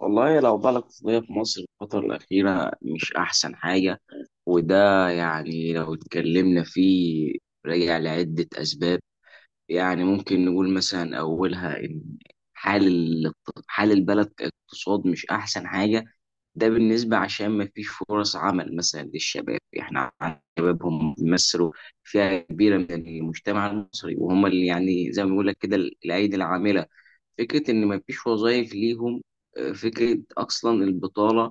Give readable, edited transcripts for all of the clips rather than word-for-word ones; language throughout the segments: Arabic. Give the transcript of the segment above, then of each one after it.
والله لو بقى الاقتصادية في مصر الفترة الأخيرة مش أحسن حاجة. وده يعني لو اتكلمنا فيه راجع لعدة أسباب. يعني ممكن نقول مثلا أولها إن حال ال- حال البلد كاقتصاد مش أحسن حاجة. ده بالنسبة عشان ما فيش فرص عمل مثلا للشباب، احنا عندنا شبابهم بيمثلوا فئة كبيرة من المجتمع المصري، وهم اللي يعني زي ما بيقول لك كده الأيدي العاملة. فكرة إن ما فيش وظائف ليهم، فكرة أصلا البطالة،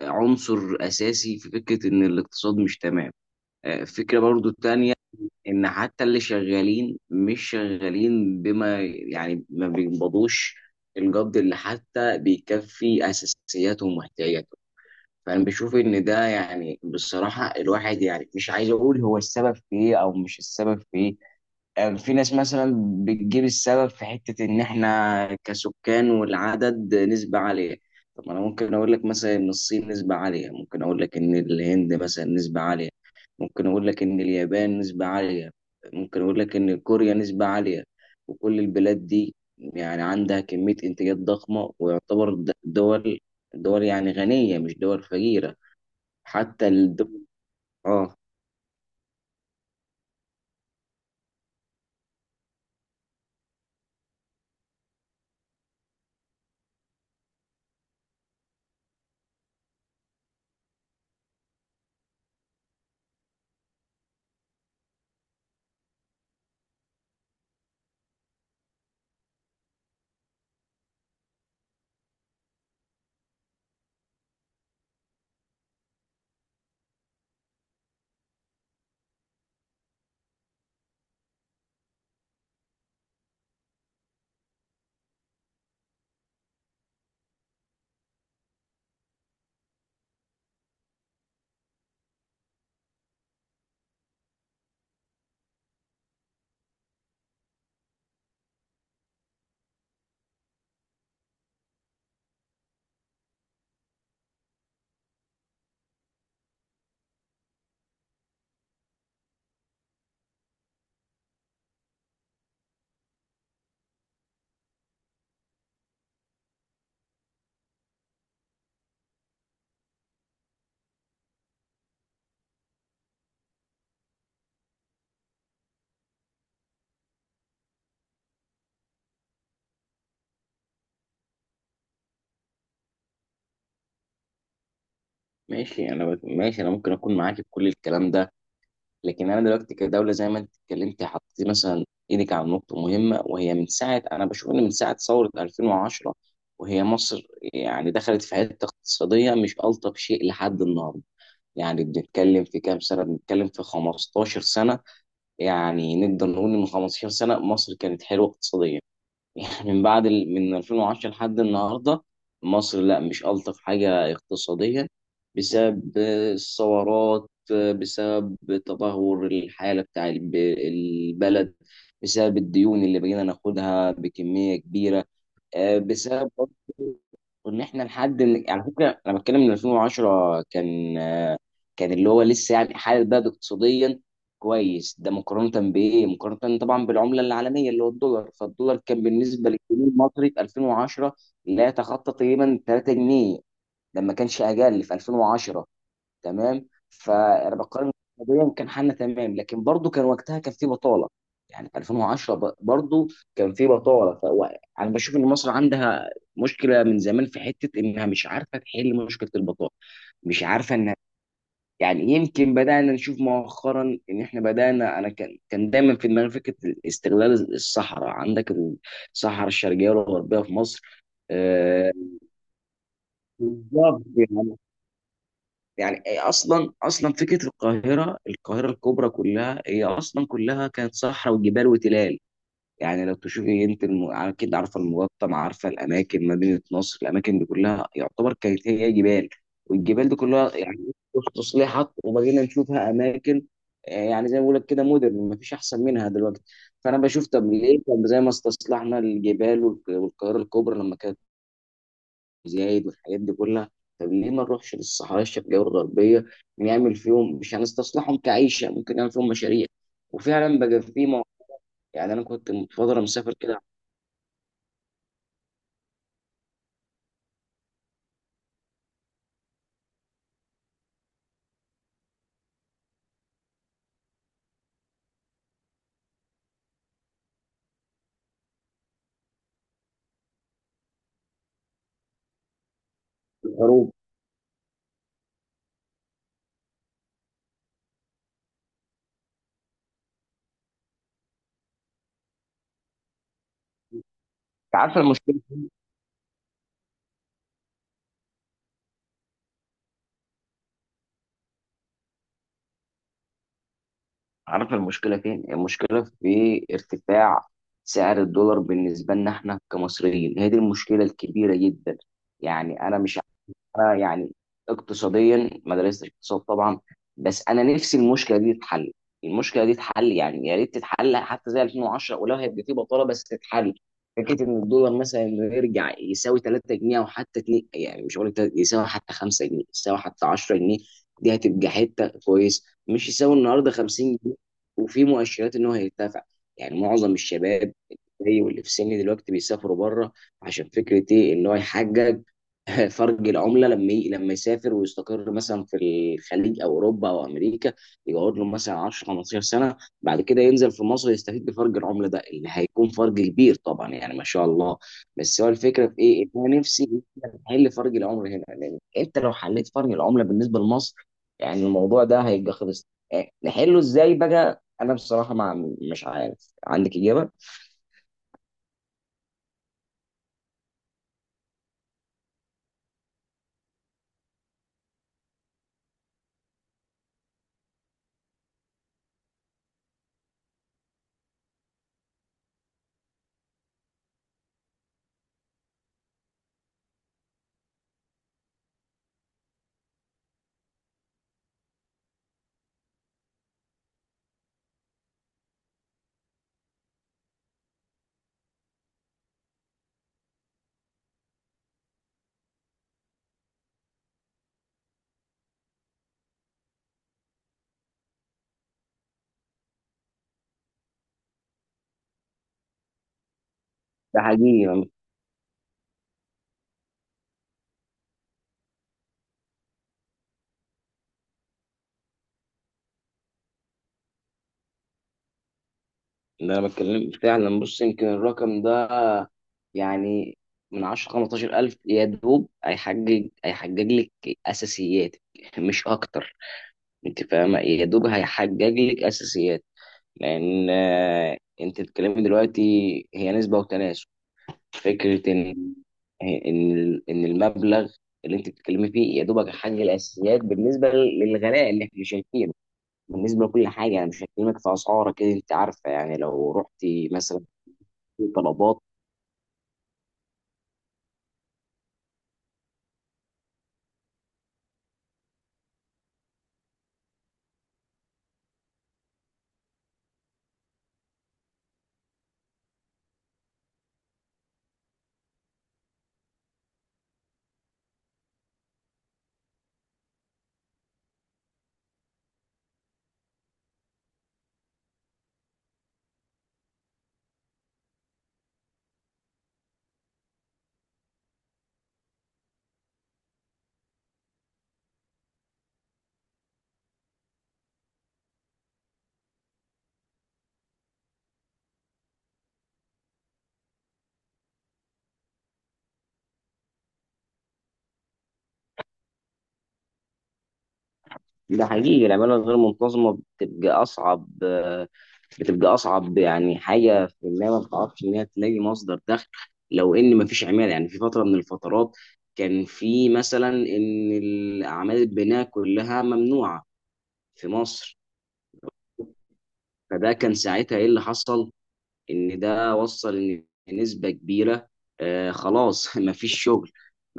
عنصر أساسي في فكرة إن الاقتصاد مش تمام. فكرة برضو تانية، إن حتى اللي شغالين مش شغالين بما يعني ما بيقبضوش الجد اللي حتى بيكفي أساسياتهم واحتياجاتهم. فانا بشوف ان ده يعني بصراحه الواحد يعني مش عايز اقول هو السبب في ايه او مش السبب في ايه. يعني في ناس مثلا بتجيب السبب في حته ان احنا كسكان والعدد نسبه عاليه. طب ما انا ممكن اقول لك مثلا ان الصين نسبه عاليه، ممكن اقول لك ان الهند مثلا نسبه عاليه، ممكن اقول لك ان اليابان نسبه عاليه، ممكن اقول لك ان كوريا نسبه عاليه. وكل البلاد دي يعني عندها كميه انتاجات ضخمه، ويعتبر دول يعني غنيه مش دول فقيره، حتى الدول. اه ماشي، ماشي انا ممكن اكون معاك في كل الكلام ده. لكن انا دلوقتي كدوله زي ما انت اتكلمتي حطيتي مثلا ايدك على نقطه مهمه، وهي من ساعه انا بشوف ان من ساعه ثوره 2010 وهي مصر يعني دخلت في حته اقتصاديه مش الطف شيء لحد النهارده. يعني بنتكلم في كام سنة؟ بنتكلم في 15 سنة. يعني نقدر نقول إن من 15 سنة مصر كانت حلوة اقتصاديا. يعني من بعد من 2010 لحد النهارده مصر لا مش ألطف حاجة اقتصاديا. بسبب الثورات، بسبب تدهور الحالة بتاع البلد، بسبب الديون اللي بقينا ناخدها بكمية كبيرة، بسبب... وان احنا لحد على فكره انا بتكلم من 2010 كان اللي هو لسه يعني حال البلد اقتصاديا كويس. ده مقارنه بايه؟ مقارنه طبعا بالعمله العالميه اللي هو الدولار. فالدولار كان بالنسبه للجنيه المصري في 2010 لا يتخطى تقريبا 3 جنيه، ده ما كانش اقل في 2010، تمام. فانا بقارن قضيا كان حالنا تمام، لكن برضو كان وقتها كان في بطاله. يعني 2010 برضو كان في بطاله. فانا بشوف ان مصر عندها مشكله من زمان في حته انها مش عارفه تحل مشكله البطاله، مش عارفه انها... يعني يمكن بدانا نشوف مؤخرا ان احنا بدانا، انا كان دايما في دماغي فكره استغلال الصحراء عندك، الصحراء الشرقيه والغربيه في مصر. آه، بالظبط يعني. يعني إيه اصلا، اصلا فكره القاهره الكبرى كلها، هي اصلا كلها كانت صحراء وجبال وتلال. يعني لو تشوفي انت اكيد عارفه المقطم، عارفه الاماكن، مدينه نصر، الاماكن دي كلها يعتبر كانت هي جبال. والجبال دي كلها يعني تصليحات، وبقينا نشوفها اماكن، يعني زي ما بقول لك كده مودرن مفيش احسن منها دلوقتي. فانا بشوف طب ليه، زي ما استصلحنا الجبال والقاهره الكبرى لما كانت زايد والحاجات دي كلها. طب ليه ما نروحش للصحراء الشرقية والغربية؟ نعمل فيهم، مش هنستصلحهم كعيشة، ممكن نعمل فيهم مشاريع. وفعلا بقى في يعني أنا كنت من فترة مسافر كده في الغروب. عارف المشكلة عارف المشكلة فين؟ المشكلة في ارتفاع سعر الدولار بالنسبة لنا احنا كمصريين، هي دي المشكلة الكبيرة جدا. يعني أنا مش انا يعني اقتصاديا ما درستش اقتصاد طبعا. بس انا نفسي المشكله دي تتحل، المشكله دي تتحل يعني، يا ريت تتحل حتى زي 2010 ولو هيبقى في بطاله بس تتحل. فكره ان الدولار مثلا إنه يرجع يساوي 3 جنيه، او حتى 2، يعني مش هقول لك يساوي حتى 5 جنيه، يساوي حتى 10 جنيه، دي هتبقى حته كويس، مش يساوي النهارده 50 جنيه. وفي مؤشرات ان هو هيرتفع. يعني معظم الشباب زي واللي في سني دلوقتي بيسافروا بره، عشان فكره ايه؟ ان هو يحقق فرق العمله لما لما يسافر ويستقر مثلا في الخليج او اوروبا او امريكا. يقعد له مثلا 10 15 سنه، بعد كده ينزل في مصر يستفيد بفرق العمله ده، اللي هيكون فرق كبير طبعا يعني ما شاء الله. بس هو الفكره في ايه؟ ان انا نفسي نحل فرق العمله هنا، لان انت لو حليت فرق العمله بالنسبه لمصر، يعني الموضوع ده هيبقى خلص. نحله ازاي بقى؟ انا بصراحه ما مش عارف، عندك اجابه؟ ده حقيقي اللي انا بتكلم فعلا. بص، يمكن الرقم ده يعني من 10 15 الف يا دوب هيحجج لك اساسياتك مش اكتر. انت فاهمه؟ يا دوب هيحجج لك اساسيات. لان انت بتتكلمي دلوقتي هي نسبه وتناسب. فكره ان ان المبلغ اللي انت بتتكلمي فيه يا دوبك هيحجج الاساسيات بالنسبه للغلاء اللي احنا شايفينه، بالنسبه لكل حاجه. انا مش هكلمك في اسعار كده، انت عارفه، يعني لو رحتي مثلا في طلبات... ده حقيقي، العمالة الغير منتظمة بتبقى أصعب، بتبقى أصعب يعني حاجة، في إنها ما بتعرفش إنها تلاقي مصدر دخل. لو إن ما فيش عمالة، يعني في فترة من الفترات كان في مثلا إن الأعمال البناء كلها ممنوعة في مصر. فده كان ساعتها إيه اللي حصل؟ ان ده وصل ان نسبه كبيره خلاص ما فيش شغل،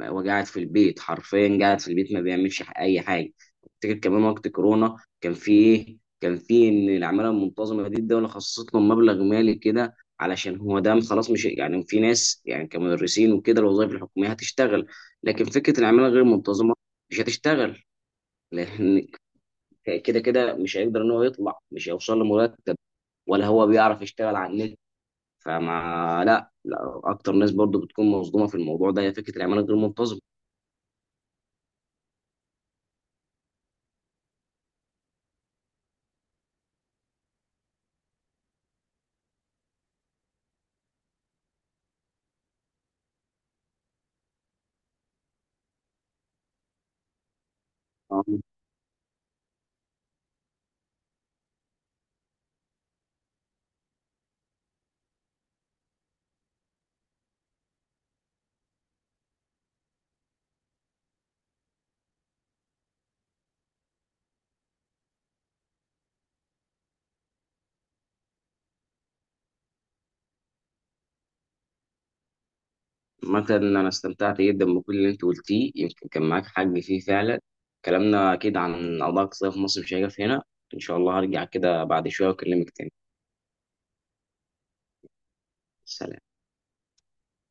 وقاعد في البيت حرفيا، قاعد في البيت ما بيعملش اي حاجه. افتكر كمان وقت كورونا كان في ايه؟ كان في ان العماله المنتظمه دي الدوله خصصت لهم مبلغ مالي كده، علشان هو ده خلاص، مش يعني في ناس يعني كمدرسين وكده الوظائف الحكوميه هتشتغل. لكن فكره العماله غير المنتظمه مش هتشتغل، لان كده كده مش هيقدر ان هو يطلع، مش هيوصل لمرتب، ولا هو بيعرف يشتغل على النت. فما لا اكتر ناس برضو بتكون مصدومه في الموضوع ده، هي فكره العماله غير منتظمه. آه، مثلا انا استمتعت جدا بكل اللي انت قلتيه، يمكن كان معاك حق فيه فعلا. كلامنا اكيد عن قضايا اقتصادية في مصر مش هيقف هنا، ان شاء الله هرجع كده بعد شويه واكلمك تاني. سلام.